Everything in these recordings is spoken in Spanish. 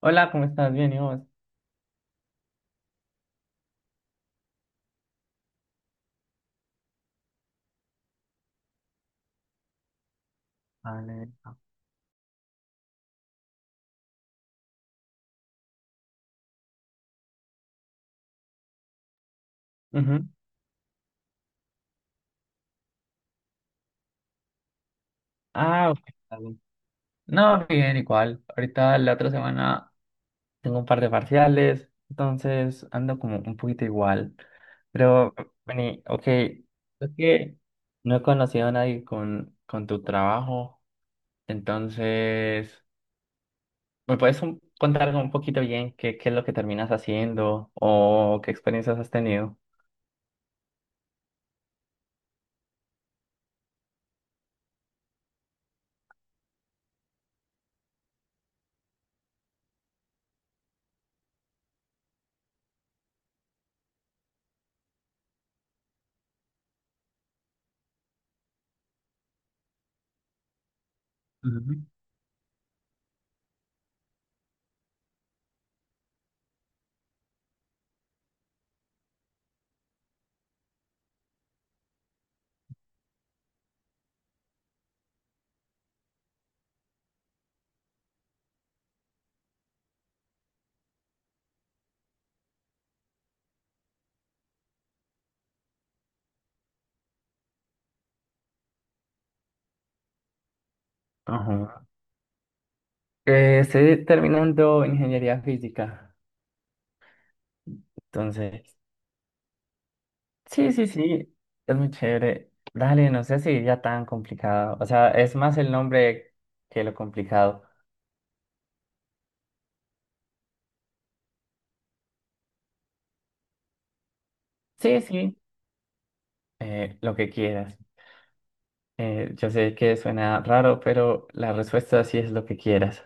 Hola, ¿cómo estás? Bien, ¿y vos? Vale, ah. Ujú. Ah, ok, está bien. No, bien, igual. Ahorita la otra semana tengo un par de parciales, entonces ando como un poquito igual. Pero vení, ok, es que no he conocido a nadie con tu trabajo, entonces, ¿me puedes contar un poquito bien qué es lo que terminas haciendo o qué experiencias has tenido? Ujú. Ajá. Estoy terminando ingeniería física. Entonces, sí, sí, sí, es muy chévere. Dale, no sé si ya tan complicado. O sea, es más el nombre que lo complicado. Sí, sí, lo que quieras. Yo sé que suena raro, pero la respuesta sí es lo que quieras.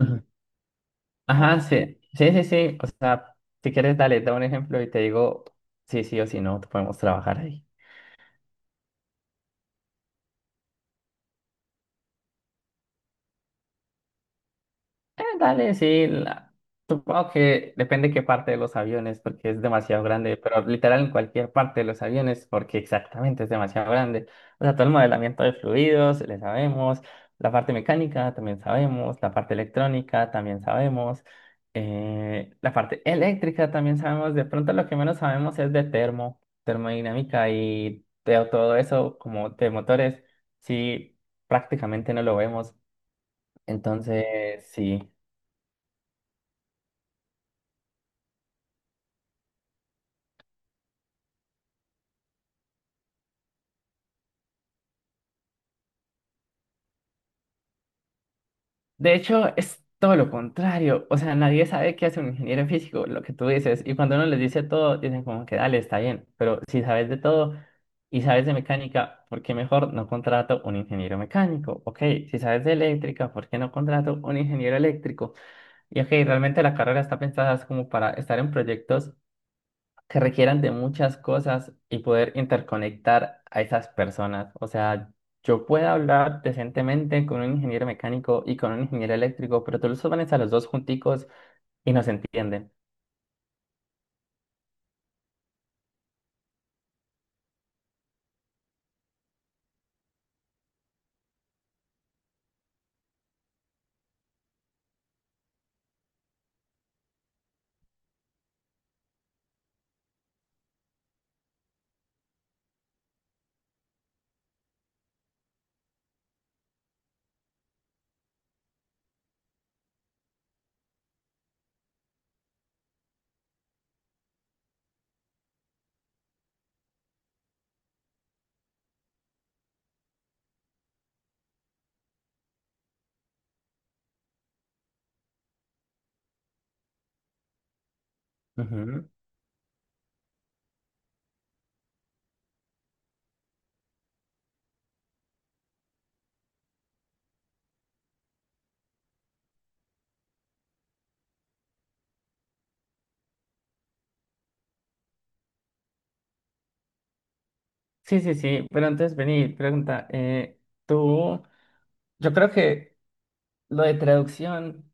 Ujú. Ajá, sí, sí, sí, sí. O sea, si quieres, dale, da un ejemplo y te digo sí, sí, o si no, podemos trabajar ahí. Dale, sí. Supongo que depende qué parte de los aviones, porque es demasiado grande, pero literal en cualquier parte de los aviones, porque exactamente es demasiado grande. O sea, todo el modelamiento de fluidos, le sabemos, la parte mecánica también sabemos, la parte electrónica también sabemos, la parte eléctrica también sabemos. De pronto lo que menos sabemos es de termodinámica y de todo eso, como de motores, sí, prácticamente no lo vemos. Entonces, sí. De hecho, es todo lo contrario. O sea, nadie sabe qué hace un ingeniero en físico, lo que tú dices. Y cuando uno les dice todo, dicen como que dale, está bien. Pero si sabes de todo y sabes de mecánica, ¿por qué mejor no contrato un ingeniero mecánico? Ok, si sabes de eléctrica, ¿por qué no contrato un ingeniero eléctrico? Y ok, realmente la carrera está pensada es como para estar en proyectos que requieran de muchas cosas y poder interconectar a esas personas. O sea, yo puedo hablar decentemente con un ingeniero mecánico y con un ingeniero eléctrico, pero tú los pones a los dos junticos y no se entienden. Ujú. Sí, sí, sí, pero entonces vení, pregunta, tú, yo creo que lo de traducción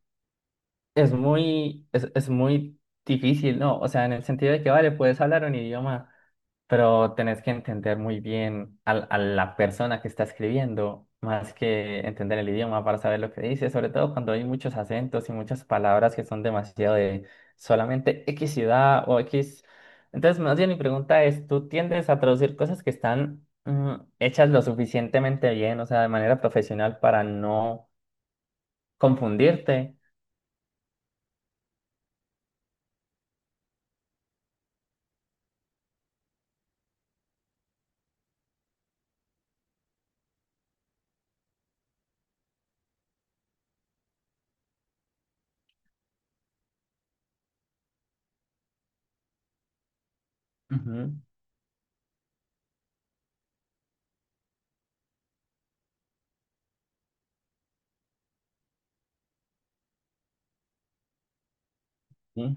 es muy difícil, ¿no? O sea, en el sentido de que, vale, puedes hablar un idioma, pero tenés que entender muy bien la persona que está escribiendo, más que entender el idioma para saber lo que dice, sobre todo cuando hay muchos acentos y muchas palabras que son demasiado de solamente X ciudad o X. Entonces, más bien mi pregunta es, ¿tú tiendes a traducir cosas que están hechas lo suficientemente bien, o sea, de manera profesional para no confundirte? Ujú, sí.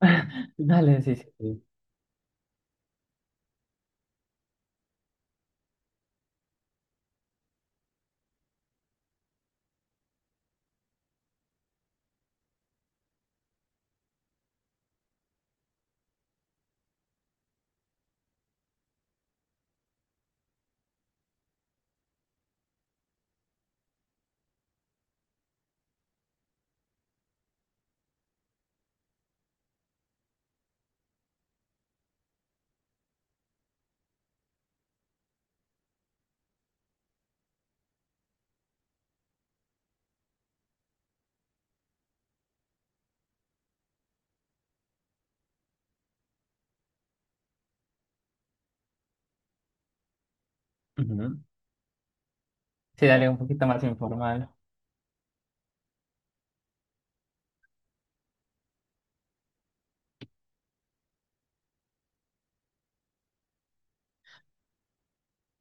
Dale, sí, sí, sí. Ujú. Sí, dale, un poquito más informal.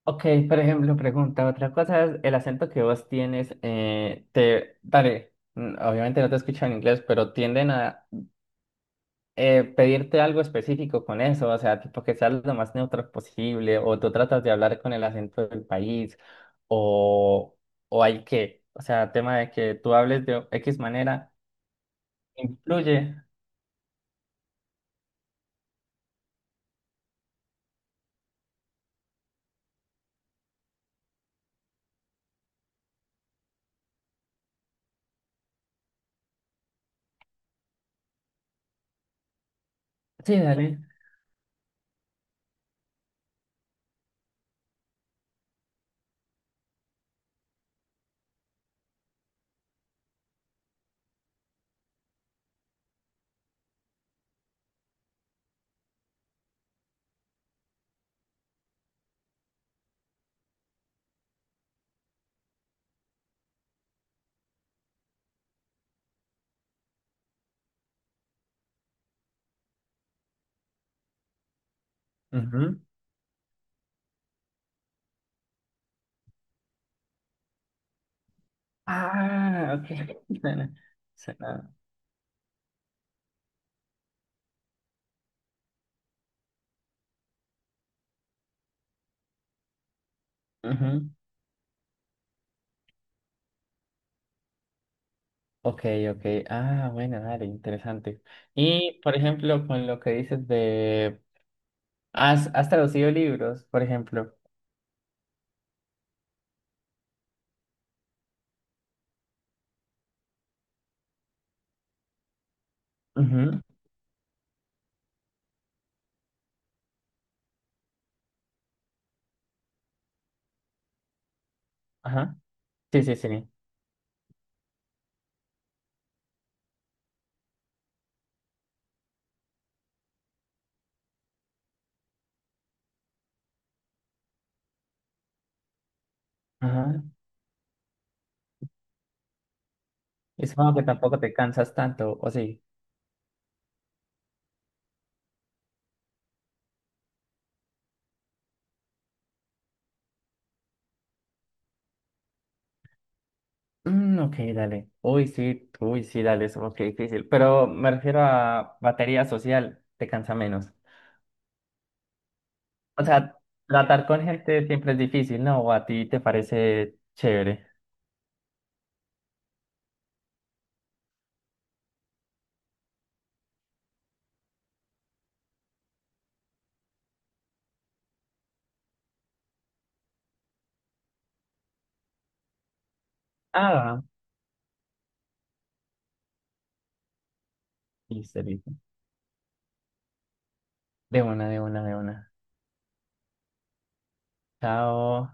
Ok, por ejemplo, pregunta, otra cosa es el acento que vos tienes, dale, obviamente no te escucho en inglés, pero tienden a pedirte algo específico con eso, o sea, tipo que seas lo más neutro posible, o tú tratas de hablar con el acento del país, o, o hay que, o sea, tema de que tú hables de X manera, influye. Sí, dale. Ujú. Ah, ok. Suena, suena. Ujú. Ok, ok. Ah, bueno, dale, interesante. Y, por ejemplo, con lo que dices de... has traducido libros, por ejemplo? Ujú. Ajá. Sí, sí, sí. Ajá. Y supongo que tampoco te cansas tanto, ¿o sí? Mm, ok, dale. Uy, sí, dale, supongo que difícil. Pero me refiero a batería social, te cansa menos. O sea, tratar con gente siempre es difícil, ¿no? ¿O a ti te parece chévere? Ah, listo, listo. De una, de una, de una. Chao.